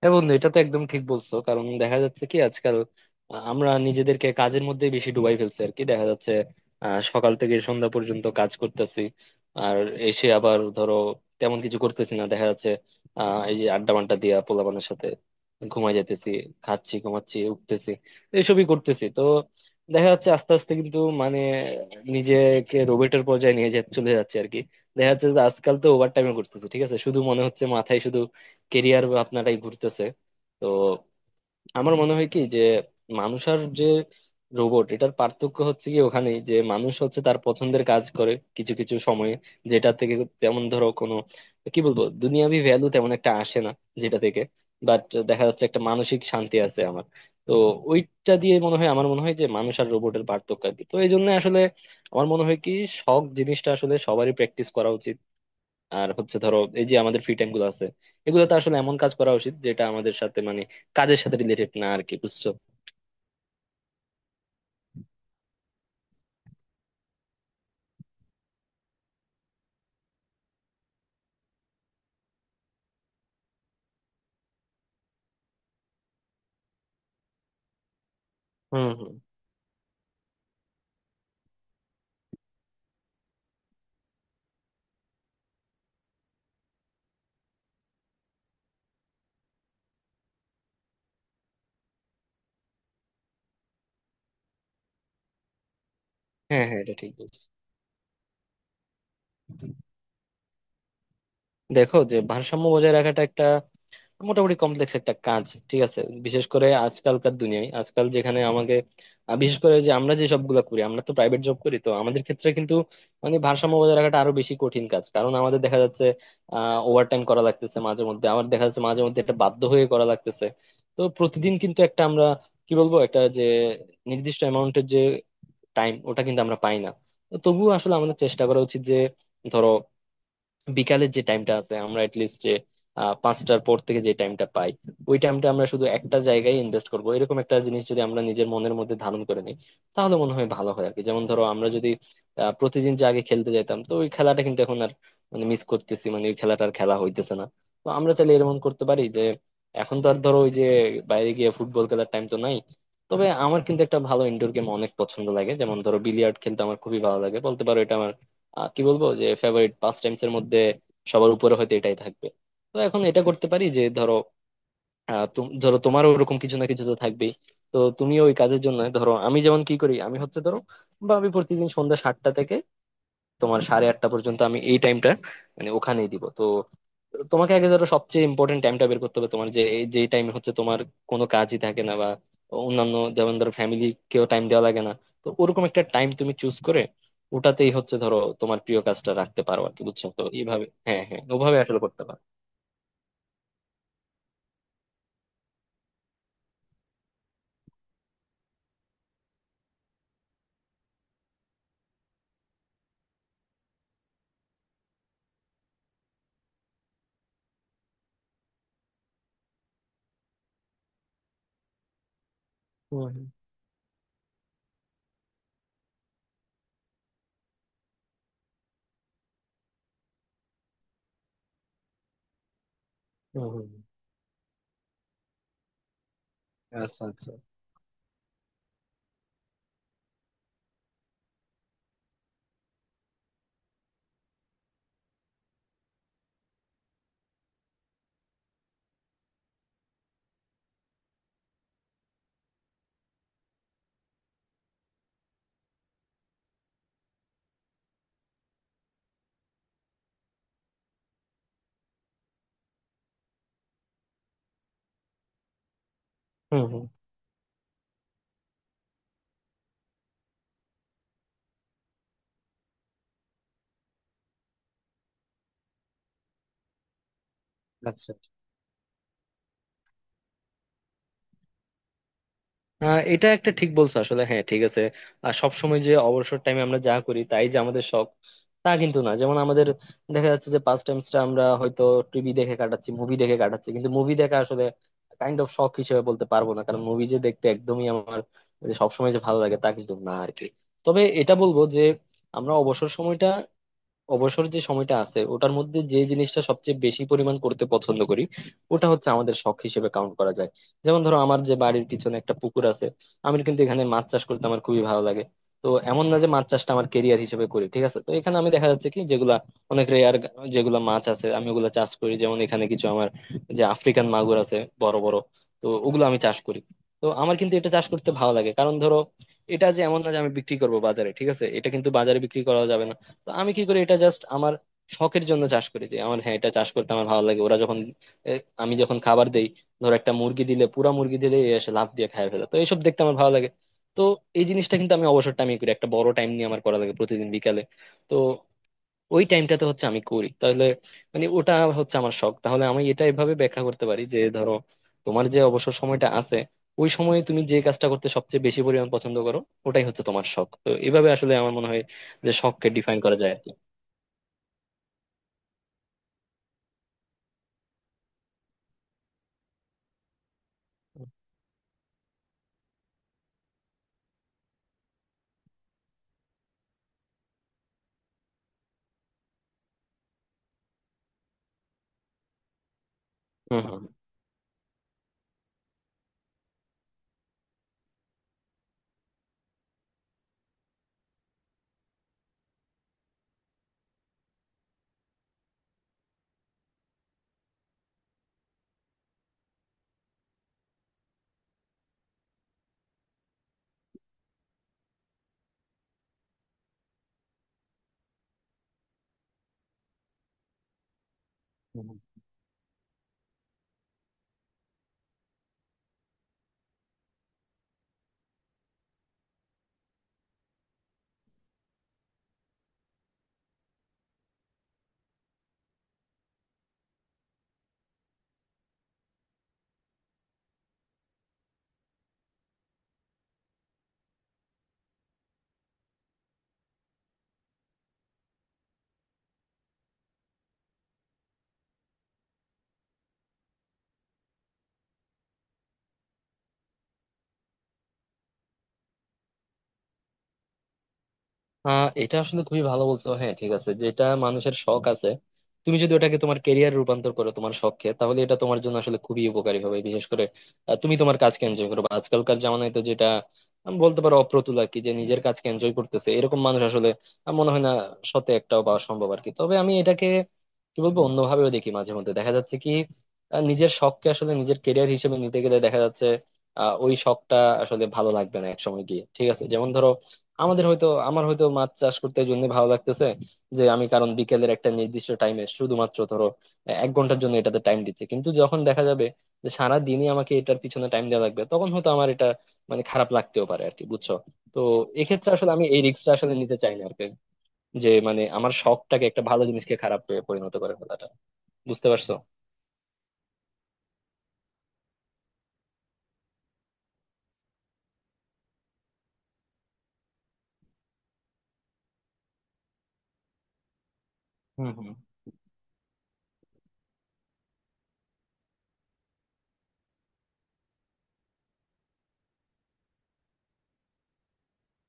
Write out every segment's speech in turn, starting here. হ্যাঁ বন্ধু, এটা তো একদম ঠিক বলছো। কারণ দেখা যাচ্ছে কি আজকাল আমরা নিজেদেরকে কাজের মধ্যে বেশি ডুবাই ফেলছি আর কি। দেখা যাচ্ছে সকাল থেকে সন্ধ্যা পর্যন্ত কাজ করতেছি। আর এসে আবার ধরো তেমন কিছু করতেছি না। দেখা যাচ্ছে এই যে আড্ডা মাড্ডা দিয়া পোলাপানের সাথে ঘুমাই যাইতেছি। খাচ্ছি, ঘুমাচ্ছি, উঠতেছি, এসবই করতেছি। তো দেখা যাচ্ছে আস্তে আস্তে কিন্তু মানে নিজেকে রোবটের পর্যায়ে নিয়ে চলে যাচ্ছে আর কি। দেখা যাচ্ছে যে আজকাল তো ওভার টাইমও করতেছি, ঠিক আছে, শুধু মনে হচ্ছে মাথায় শুধু কেরিয়ার আপনারাই ঘুরতেছে। তো আমার মনে হয় কি, যে মানুষ আর যে রোবট এটার পার্থক্য হচ্ছে কি, ওখানে যে মানুষ হচ্ছে তার পছন্দের কাজ করে কিছু কিছু সময়ে, যেটা থেকে তেমন ধরো কোনো কি বলবো দুনিয়াবি ভ্যালু তেমন একটা আসে না, যেটা থেকে বাট দেখা যাচ্ছে একটা মানসিক শান্তি আছে আমার। তো ওইটা দিয়ে মনে হয়, আমার মনে হয় যে মানুষ আর রোবটের পার্থক্য আর কি। তো এই জন্য আসলে আমার মনে হয় কি, শখ জিনিসটা আসলে সবারই প্র্যাকটিস করা উচিত। আর হচ্ছে ধরো এই যে আমাদের ফ্রি টাইম গুলো আছে, এগুলোতে আসলে এমন কাজ করা উচিত যেটা আমাদের সাথে মানে কাজের সাথে রিলেটেড না আর কি, বুঝছো। হুম হুম। হ্যাঁ হ্যাঁ, এটা ঠিক বলছো। দেখো যে ভারসাম্য বজায় রাখাটা একটা মোটামুটি কমপ্লেক্স একটা কাজ। ঠিক আছে। বিশেষ করে আজকালকার দুনিয়ায় আজকাল যেখানে আমাকে বিশেষ করে যে আমরা যে সবগুলা করি আমরা তো প্রাইভেট জব করি, তো আমাদের ক্ষেত্রে কিন্তু মানে ভারসাম্য বজায় রাখাটা আরো বেশি কঠিন কাজ, কারণ আমাদের দেখা যাচ্ছে ওভারটাইম করা লাগতেছে মাঝে মধ্যে, আবার দেখা যাচ্ছে মাঝে মধ্যে একটা বাধ্য হয়ে করা লাগতেছে। তো প্রতিদিন কিন্তু একটা আমরা কি বলবো একটা যে নির্দিষ্ট অ্যামাউন্টের যে টাইম ওটা কিন্তু আমরা পাই না। তো তবুও আসলে আমাদের চেষ্টা করা উচিত যে ধরো বিকালের যে টাইমটা আছে আমরা এটলিস্ট যে 5টার পর থেকে যে টাইমটা পাই, ওই টাইমটা আমরা শুধু একটা জায়গায় ইনভেস্ট করব, এরকম একটা জিনিস যদি আমরা নিজের মনের মধ্যে ধারণ করে নিই তাহলে মনে হয় ভালো হয় আর কি। যেমন ধরো আমরা যদি প্রতিদিন যে আগে খেলতে যাইতাম, তো ওই খেলাটা কিন্তু এখন আর মানে মিস করতেছি, মানে ওই খেলাটা আর খেলা হইতেছে না। তো আমরা চাইলে এরকম করতে পারি যে এখন তো আর ধরো ওই যে বাইরে গিয়ে ফুটবল খেলার টাইম তো নাই। তবে আমার কিন্তু একটা ভালো ইনডোর গেম অনেক পছন্দ লাগে, যেমন ধরো বিলিয়ার্ড খেলতে আমার খুবই ভালো লাগে, বলতে পারো এটা আমার কি বলবো যে ফেভারিট পাস টাইমস এর মধ্যে সবার উপরে হয়তো এটাই থাকবে। তো এখন এটা করতে পারি যে ধরো ধরো তোমারও ওরকম কিছু না কিছু তো থাকবেই। তো তুমি ওই কাজের জন্য ধরো, আমি যেমন কি করি, আমি হচ্ছে ধরো বা আমি প্রতিদিন সন্ধ্যা 7টা থেকে তোমার সাড়ে 8টা পর্যন্ত আমি এই টাইমটা মানে ওখানেই দিব। তো তোমাকে আগে ধরো সবচেয়ে ইম্পর্টেন্ট টাইমটা বের করতে হবে, তোমার যে এই যে টাইমে হচ্ছে তোমার কোনো কাজই থাকে না বা অন্যান্য যেমন ধরো ফ্যামিলিকেও টাইম দেওয়া লাগে না, তো ওরকম একটা টাইম তুমি চুজ করে ওটাতেই হচ্ছে ধরো তোমার প্রিয় কাজটা রাখতে পারো আর কি, বুঝছো। তো এইভাবে, হ্যাঁ হ্যাঁ, ওভাবে আসলে করতে পারো। হুম হুম। হুম হুম। আচ্ছা আচ্ছা। হুম হুম। আচ্ছা। এটা একটা ঠিক বলছো আসলে, হ্যাঁ, ঠিক আছে। আর সবসময় যে অবসর টাইমে আমরা যা করি তাই যে আমাদের শখ, তা কিন্তু না। যেমন আমাদের দেখা যাচ্ছে যে পাস টাইমসটা আমরা হয়তো টিভি দেখে কাটাচ্ছি, মুভি দেখে কাটাচ্ছি, কিন্তু মুভি দেখা আসলে কাইন্ড অফ শখ হিসেবে বলতে পারবো না, কারণ মুভি যে দেখতে একদমই আমার, যে সবসময় যে ভালো লাগে তা কিন্তু না আর কি। তবে এটা বলবো যে আমরা অবসর সময়টা, অবসর যে সময়টা আছে ওটার মধ্যে যে জিনিসটা সবচেয়ে বেশি পরিমাণ করতে পছন্দ করি, ওটা হচ্ছে আমাদের শখ হিসেবে কাউন্ট করা যায়। যেমন ধরো আমার যে বাড়ির পিছনে একটা পুকুর আছে, আমি কিন্তু এখানে মাছ চাষ করতে আমার খুবই ভালো লাগে। তো এমন না যে মাছ চাষটা আমার কেরিয়ার হিসেবে করি, ঠিক আছে। তো এখানে আমি দেখা যাচ্ছে কি যেগুলা অনেক রেয়ার যেগুলা মাছ আছে আমি ওগুলা চাষ করি। যেমন এখানে কিছু আমার যে আফ্রিকান মাগুর আছে বড় বড়, তো ওগুলো আমি চাষ করি। তো আমার কিন্তু এটা চাষ করতে ভালো লাগে, কারণ ধরো এটা যে এমন না যে আমি বিক্রি করবো বাজারে, ঠিক আছে, এটা কিন্তু বাজারে বিক্রি করা যাবে না। তো আমি কি করি, এটা জাস্ট আমার শখের জন্য চাষ করি যে আমার, হ্যাঁ, এটা চাষ করতে আমার ভালো লাগে। ওরা যখন, এ, আমি যখন খাবার দেই, ধর একটা মুরগি দিলে, পুরা মুরগি দিলে এ এসে লাফ দিয়ে খায় ফেলে, তো এইসব দেখতে আমার ভালো লাগে। তো এই জিনিসটা কিন্তু আমি অবসর টাইমে করি, একটা বড় টাইম নিয়ে আমার করা লাগে প্রতিদিন বিকালে। তো ওই টাইমটাতে হচ্ছে আমি করি, তাহলে মানে ওটা হচ্ছে আমার শখ। তাহলে আমি এটা এভাবে ব্যাখ্যা করতে পারি যে ধরো তোমার যে অবসর সময়টা আছে ওই সময়ে তুমি যে কাজটা করতে সবচেয়ে বেশি পরিমাণ পছন্দ করো ওটাই হচ্ছে তোমার শখ। তো এভাবে আসলে আমার মনে হয় যে শখকে ডিফাইন করা যায়। হম হম। এটা আসলে খুবই ভালো বলছো, হ্যাঁ, ঠিক আছে। যেটা মানুষের শখ আছে, তুমি যদি ওটাকে তোমার কেরিয়ার রূপান্তর করো, তোমার শখকে, তাহলে এটা তোমার জন্য আসলে খুবই উপকারী হবে। বিশেষ করে তুমি তোমার কাজকে এনজয় করবে। আজকালকার জামানায় তো যেটা আমি বলতে পারো অপ্রতুল আর কি, যে নিজের কাজকে এনজয় করতেছে এরকম মানুষ আসলে আমার মনে হয় না শতে একটাও পাওয়া সম্ভব আর কি। তবে আমি এটাকে কি বলবো অন্যভাবেও দেখি, মাঝে মধ্যে দেখা যাচ্ছে কি নিজের শখকে আসলে নিজের কেরিয়ার হিসেবে নিতে গেলে দেখা যাচ্ছে ওই শখটা আসলে ভালো লাগবে না এক সময় গিয়ে, ঠিক আছে। যেমন ধরো আমাদের হয়তো, আমার হয়তো মাছ চাষ করতে এই জন্য ভালো লাগতেছে যে আমি, কারণ বিকেলের একটা নির্দিষ্ট টাইমে শুধুমাত্র ধরো 1 ঘন্টার জন্য এটাতে টাইম দিচ্ছে, কিন্তু যখন দেখা যাবে যে সারা দিনই আমাকে এটার পিছনে টাইম দেওয়া লাগবে, তখন হয়তো আমার এটা মানে খারাপ লাগতেও পারে আর কি, বুঝছো। তো এক্ষেত্রে আসলে আমি এই রিস্কটা আসলে নিতে চাই না আর কি, যে মানে আমার শখটাকে, একটা ভালো জিনিসকে, খারাপ পরিণত করে ফেলাটা, বুঝতে পারছো। হুম হুম।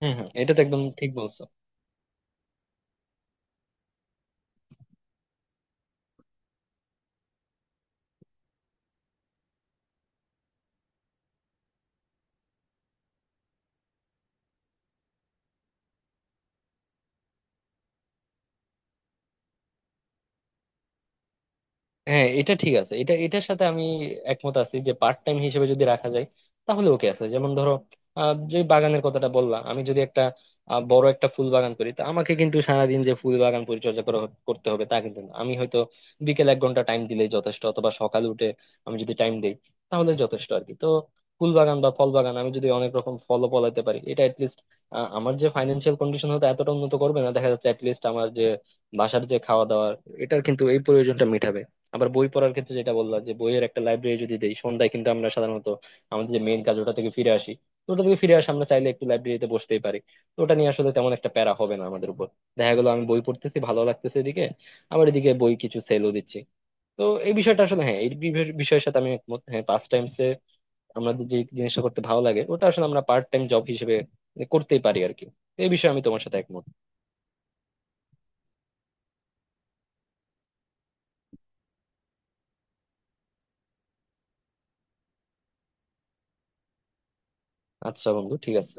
হম হম, এটা তো একদম ঠিক বলছো। হ্যাঁ এটা ঠিক আছে, এটা, এটার সাথে আমি একমত আছি যে পার্ট টাইম হিসেবে যদি রাখা যায় তাহলে ওকে আছে। যেমন ধরো যে বাগানের কথাটা বললাম, আমি যদি একটা বড় একটা ফুল বাগান করি, তো আমাকে কিন্তু সারাদিন যে ফুল বাগান পরিচর্যা করা করতে হবে তা কিন্তু না। আমি হয়তো বিকেল 1 ঘন্টা টাইম দিলেই যথেষ্ট, অথবা সকালে উঠে আমি যদি টাইম দিই তাহলে যথেষ্ট আর কি। তো ফুল বাগান বা ফল বাগান আমি যদি অনেক রকম ফলও ফলাইতে পারি, এটা অ্যাটলিস্ট আমার যে ফাইন্যান্সিয়াল কন্ডিশন হতে এতটা উন্নত করবে না দেখা যাচ্ছে, অ্যাটলিস্ট আমার যে বাসার যে খাওয়া দাওয়া এটার কিন্তু এই প্রয়োজনটা মেটাবে। আবার বই পড়ার ক্ষেত্রে যেটা বললাম যে বইয়ের একটা লাইব্রেরি যদি দেই, সন্ধ্যায় কিন্তু আমরা সাধারণত আমাদের যে মেইন কাজ ওটা থেকে ফিরে আসি, তো ওটা থেকে ফিরে আসে আমরা চাইলে একটু লাইব্রেরিতে বসতেই পারি। তো ওটা নিয়ে আসলে তেমন একটা প্যারা হবে না আমাদের উপর। দেখা গেলো আমি বই পড়তেছি ভালো লাগতেছে এদিকে, আবার এদিকে বই কিছু সেলও দিচ্ছি। তো এই বিষয়টা আসলে, হ্যাঁ, এই বিষয়ের সাথে আমি একমত। হ্যাঁ, পাস টাইমসে আমাদের যে জিনিসটা করতে ভালো লাগে ওটা আসলে আমরা পার্ট টাইম জব হিসেবে করতেই পারি আর কি। তো এই বিষয়ে আমি তোমার সাথে একমত। আচ্ছা বন্ধু, ঠিক আছে।